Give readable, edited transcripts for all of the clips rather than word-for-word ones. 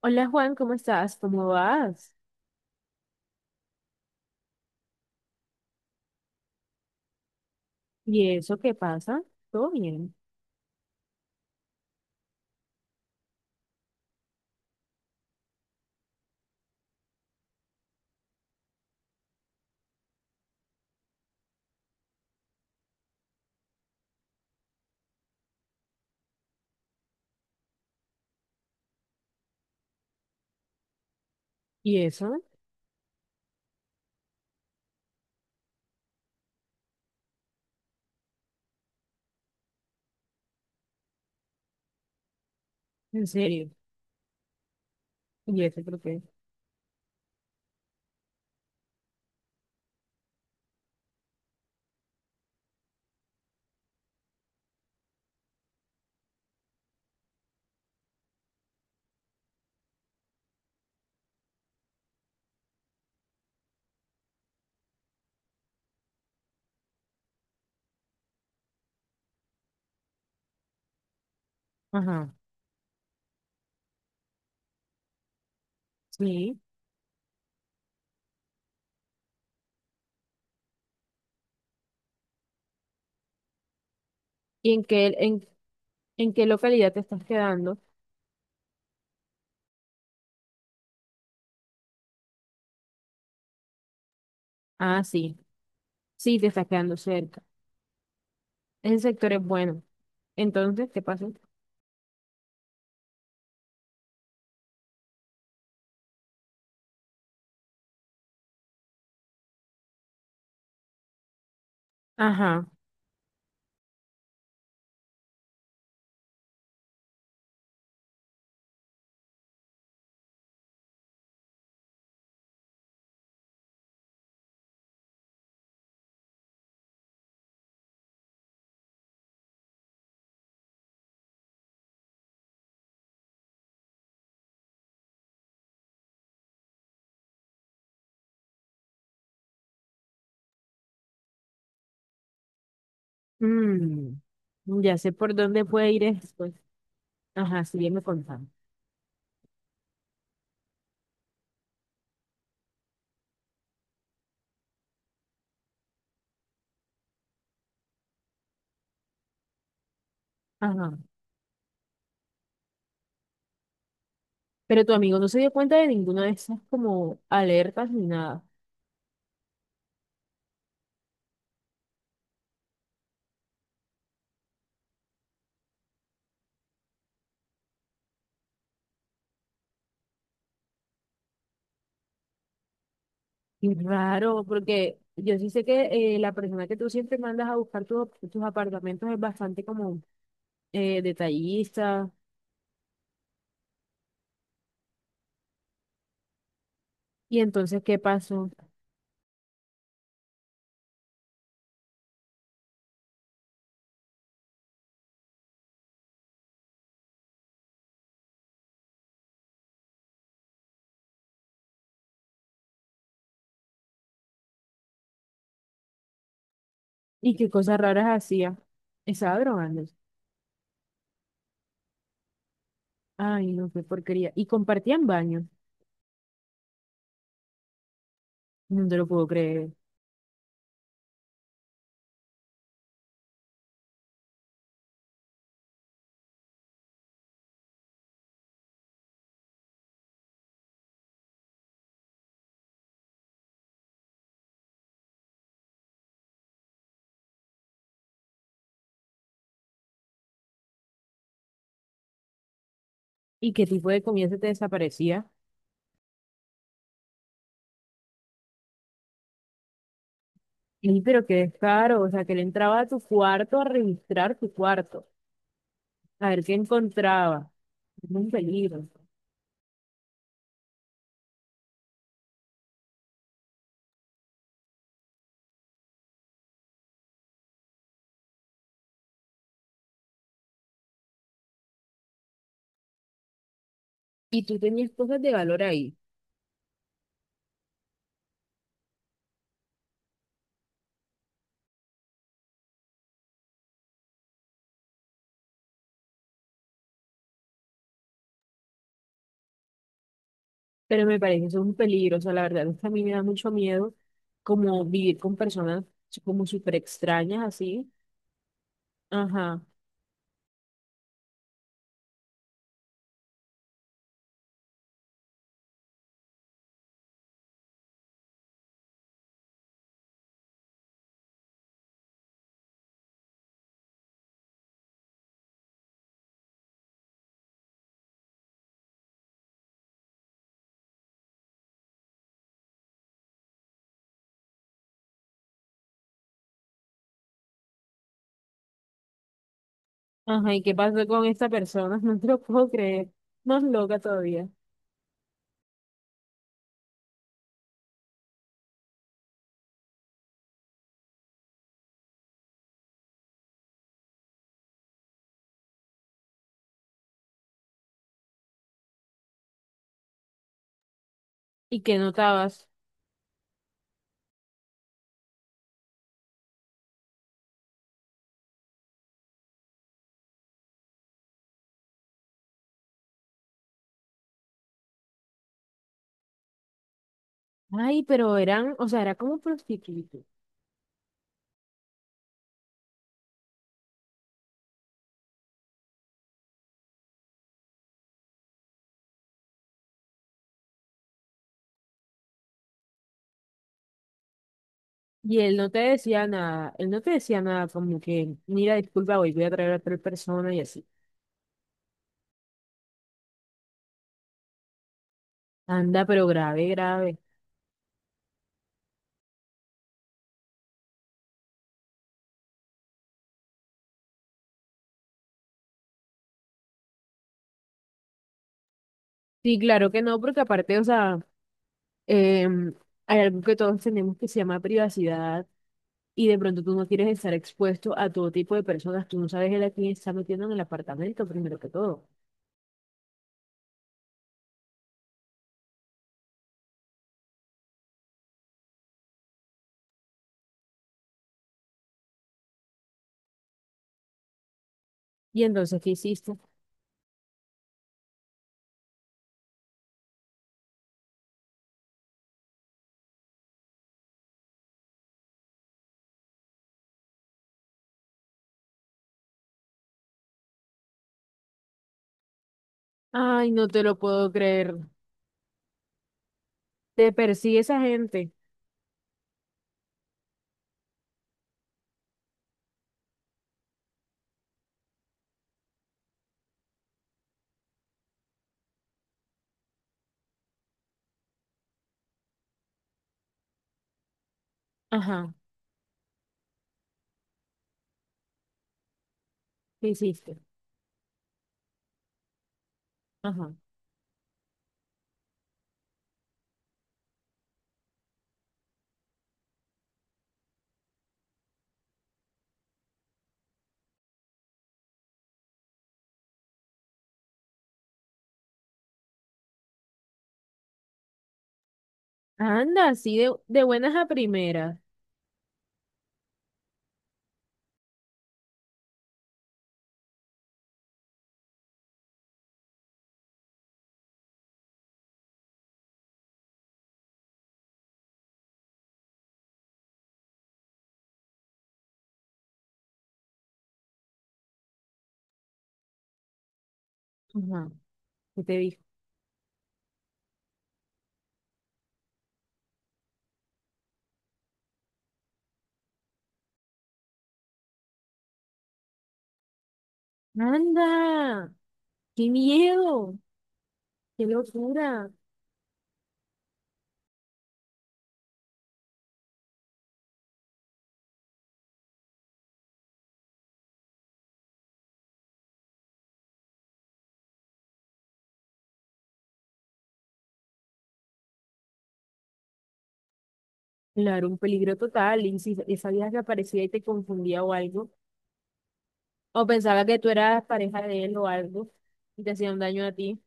Hola, Juan, ¿cómo estás? ¿Cómo vas? ¿Y eso qué pasa? ¿Todo bien? ¿Y eso? ¿En serio? ¿Y eso por qué? Ajá, sí. ¿Y en qué localidad te estás quedando? Ah, sí. Sí, te estás quedando cerca. Ese sector es bueno. Entonces, ¿qué pasa? Ajá. Mm, ya sé por dónde puede ir después. Ajá, sí, ya me contaron. Ajá. Pero tu amigo no se dio cuenta de ninguna de esas como alertas ni nada. Y raro, porque yo sí sé que la persona que tú siempre mandas a buscar tus apartamentos es bastante como detallista. Y entonces, ¿qué pasó? ¿Y qué cosas raras hacía? Estaba drogándose. Ay, no, qué porquería. Y compartían baño. No te lo puedo creer. ¿Y qué tipo de comida se te desaparecía? Sí, pero qué descaro. O sea, que él entraba a tu cuarto a registrar tu cuerpo, a ver qué encontraba. Es un peligro. Y tú tenías cosas de valor ahí. Pero me parece eso un peligro, o sea, la verdad es que a mí me da mucho miedo como vivir con personas como súper extrañas así. Ajá, ajá, ¿y qué pasó con esta persona? No te lo puedo creer, más loca todavía. ¿Y qué notabas? Ay, pero eran, o sea, era como prostituto. Y él no te decía nada, él no te decía nada como que, mira, disculpa, hoy voy a traer a tal persona y así. Anda, pero grave, grave. Sí, claro que no, porque aparte, o sea, em, hay algo que todos tenemos que se llama privacidad y de pronto tú no quieres estar expuesto a todo tipo de personas, tú no sabes el a quién está metiendo en el apartamento, primero que todo. Y entonces, ¿qué hiciste? Ay, no te lo puedo creer. Te persigue esa gente. Ajá, ¿qué hiciste? Ajá. Anda, así de buenas a primeras. Ajá, ¿qué te dijo? Anda, qué miedo, qué locura. Claro, un peligro total. ¿Y si esa vieja que aparecía y te confundía o algo, o pensaba que tú eras pareja de él o algo, y te hacía un daño a ti?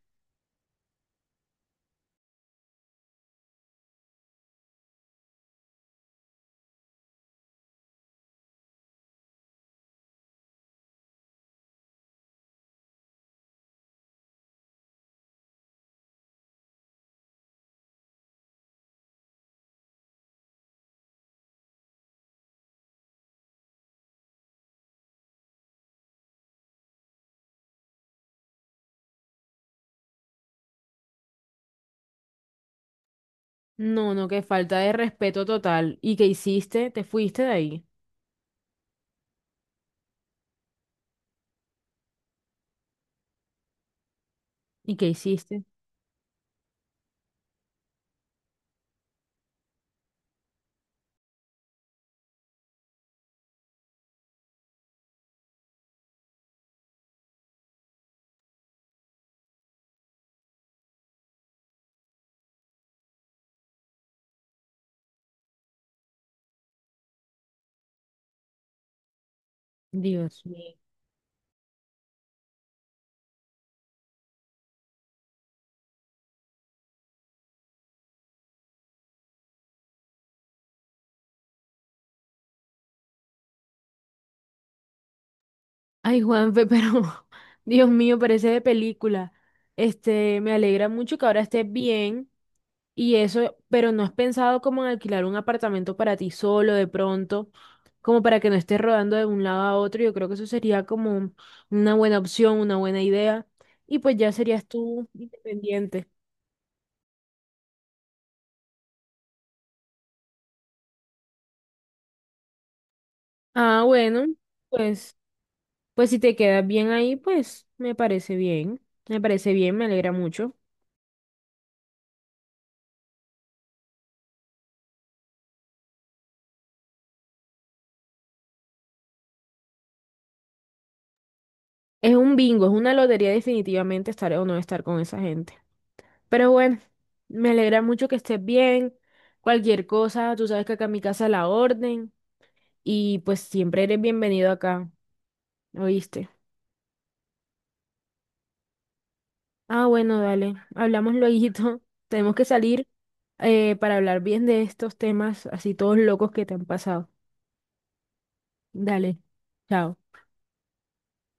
No, no, qué falta de respeto total. ¿Y qué hiciste? ¿Te fuiste de ahí? ¿Y qué hiciste? Dios mío. Ay, Juanfe, pero Dios mío, parece de película. Este, me alegra mucho que ahora estés bien y eso, pero ¿no has pensado como en alquilar un apartamento para ti solo de pronto, como para que no estés rodando de un lado a otro? Yo creo que eso sería como un- una buena opción, una buena idea y pues ya serías tú independiente. Ah, bueno, pues pues si te quedas bien ahí, pues me parece bien. Me parece bien, me alegra mucho. Es un bingo, es una lotería definitivamente estar o no estar con esa gente. Pero bueno, me alegra mucho que estés bien. Cualquier cosa, tú sabes que acá en mi casa la orden y pues siempre eres bienvenido acá, ¿oíste? Ah, bueno, dale, hablamos lueguito. Tenemos que salir para hablar bien de estos temas así todos locos que te han pasado. Dale, chao.